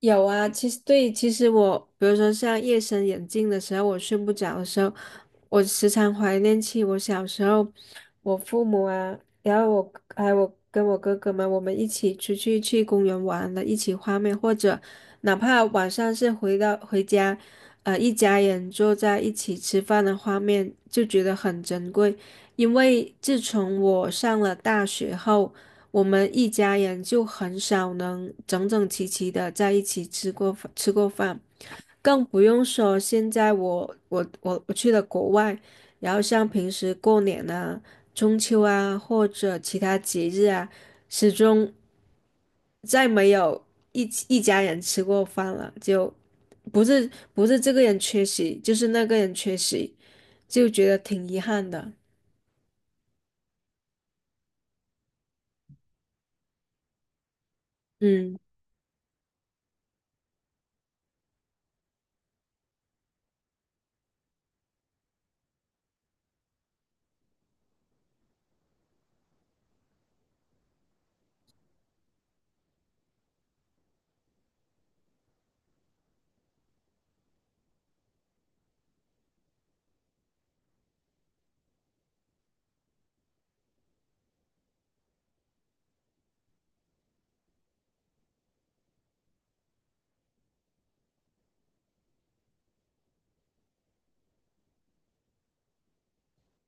有啊，其实对，其实我比如说像夜深人静的时候，我睡不着的时候，我时常怀念起我小时候，我父母啊，然后我还有我跟我哥哥们，我们一起去公园玩的一起画面，或者哪怕晚上是回家，一家人坐在一起吃饭的画面，就觉得很珍贵。因为自从我上了大学后，我们一家人就很少能整整齐齐的在一起吃过饭，更不用说现在我去了国外，然后像平时过年啊、中秋啊或者其他节日啊，始终再没有一起一家人吃过饭了，就不是这个人缺席，就是那个人缺席，就觉得挺遗憾的。嗯。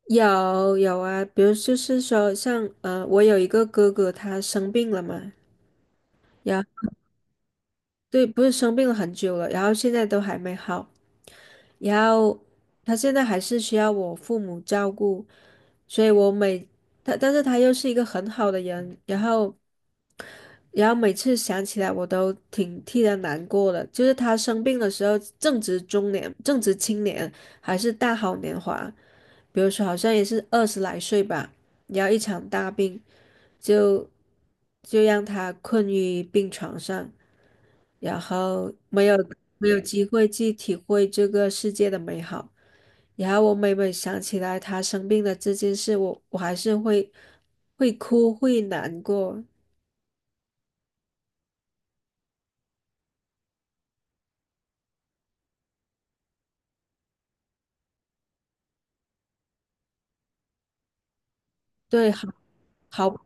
有啊，比如就是说像，我有一个哥哥，他生病了嘛，然后对，不是生病了很久了，然后现在都还没好，然后他现在还是需要我父母照顾，所以我每他，但是他又是一个很好的人，然后每次想起来我都挺替他难过的，就是他生病的时候正值中年，正值青年，还是大好年华，比如说好像也是20来岁吧，然后一场大病。就就让他困于病床上，然后没有机会去体会这个世界的美好。然后我每每想起来他生病的这件事，我还是会哭，会难过。对，好好不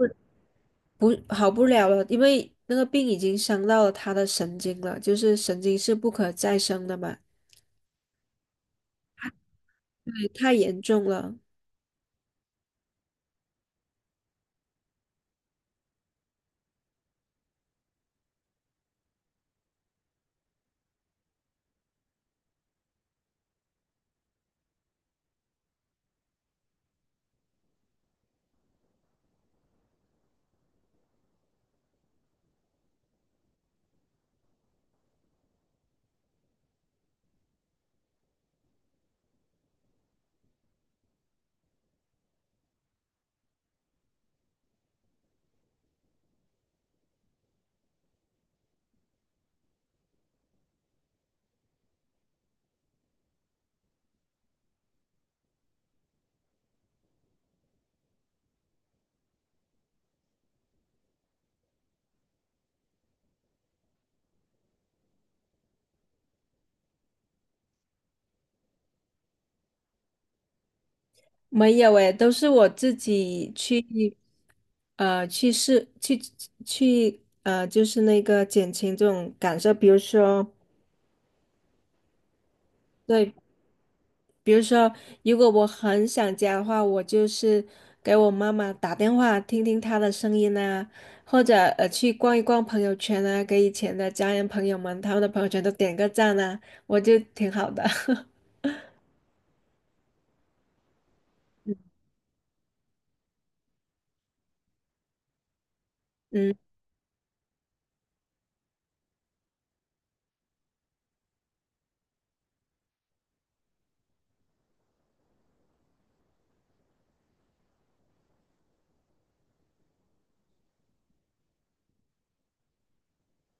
不好不了了，因为那个病已经伤到了他的神经了，就是神经是不可再生的嘛。对，太严重了。没有诶，都是我自己去，去试，去，就是那个减轻这种感受。比如说，对，比如说，如果我很想家的话，我就是给我妈妈打电话，听听她的声音啊，或者去逛一逛朋友圈啊，给以前的家人朋友们他们的朋友圈都点个赞啊，我就挺好的。嗯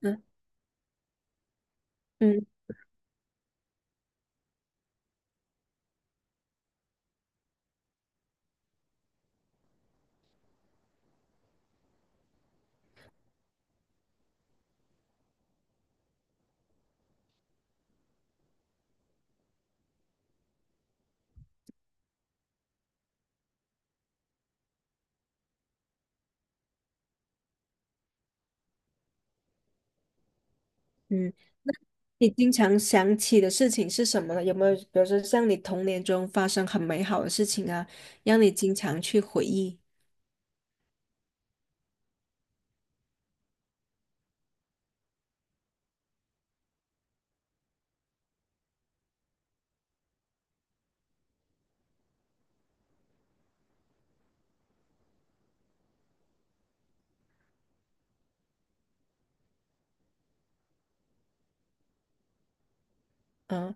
嗯嗯嗯。你经常想起的事情是什么呢？有没有，比如说像你童年中发生很美好的事情啊，让你经常去回忆？嗯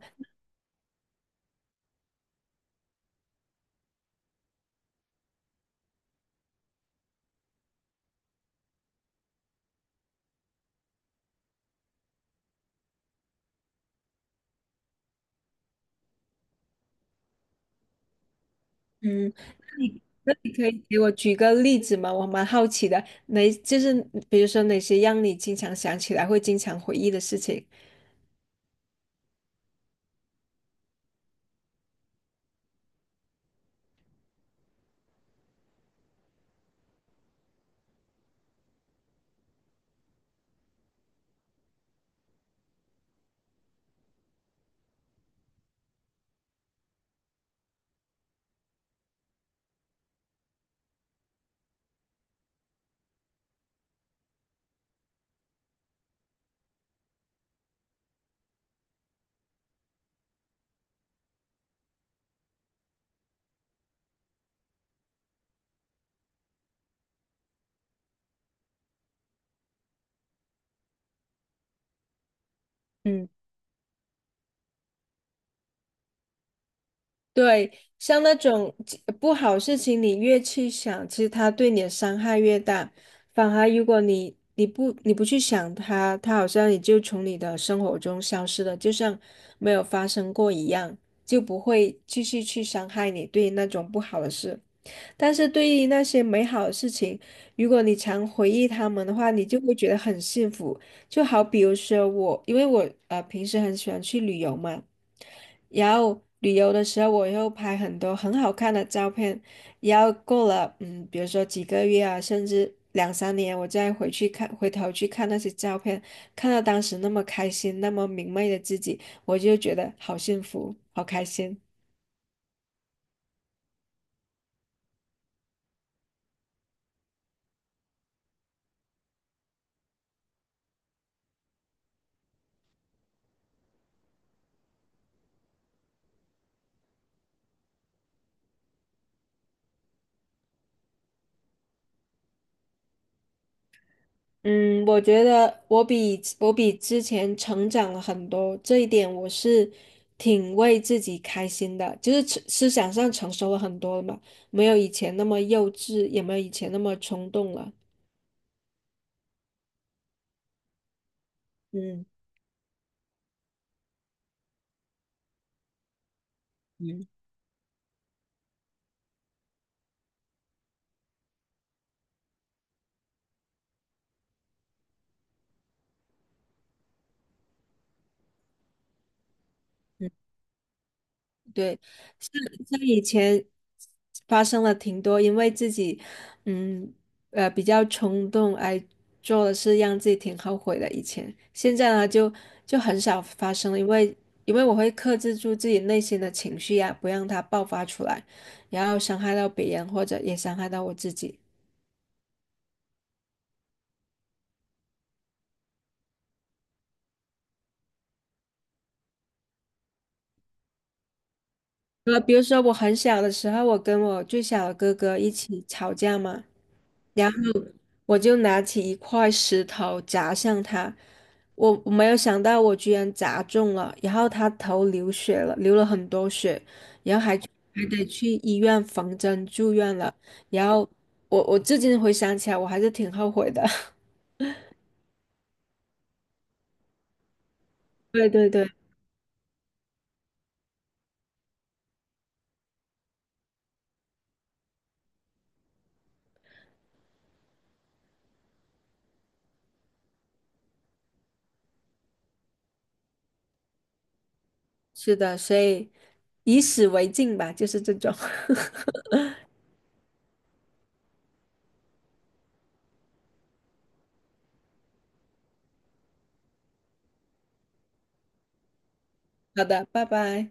嗯，你可以给我举个例子吗？我蛮好奇的，哪就是比如说哪些让你经常想起来会经常回忆的事情？嗯。对，像那种不好事情，你越去想，其实它对你的伤害越大。反而如果你不去想它，它好像也就从你的生活中消失了，就像没有发生过一样，就不会继续去伤害你对那种不好的事。但是对于那些美好的事情，如果你常回忆他们的话，你就会觉得很幸福。就好比如说我，因为我平时很喜欢去旅游嘛，然后旅游的时候我又拍很多很好看的照片，然后过了比如说几个月啊，甚至两三年，我再回去看，回头去看那些照片，看到当时那么开心、那么明媚的自己，我就觉得好幸福，好开心。嗯，我觉得我比之前成长了很多，这一点我是挺为自己开心的，就是思想上成熟了很多了嘛，没有以前那么幼稚，也没有以前那么冲动了。嗯。嗯。对，像像以前发生了挺多，因为自己嗯比较冲动而做的事，让自己挺后悔的。以前，现在呢就很少发生了，因为我会克制住自己内心的情绪呀、不让它爆发出来，然后伤害到别人或者也伤害到我自己。比如说我很小的时候，我跟我最小的哥哥一起吵架嘛。然后。我就拿起一块石头砸向他，我没有想到我居然砸中了，然后他头流血了，流了很多血，得去医院缝针住院了。然后我至今回想起来，我还是挺后悔的。对对对，是的，所以以史为镜吧，就是这种。好的，拜拜。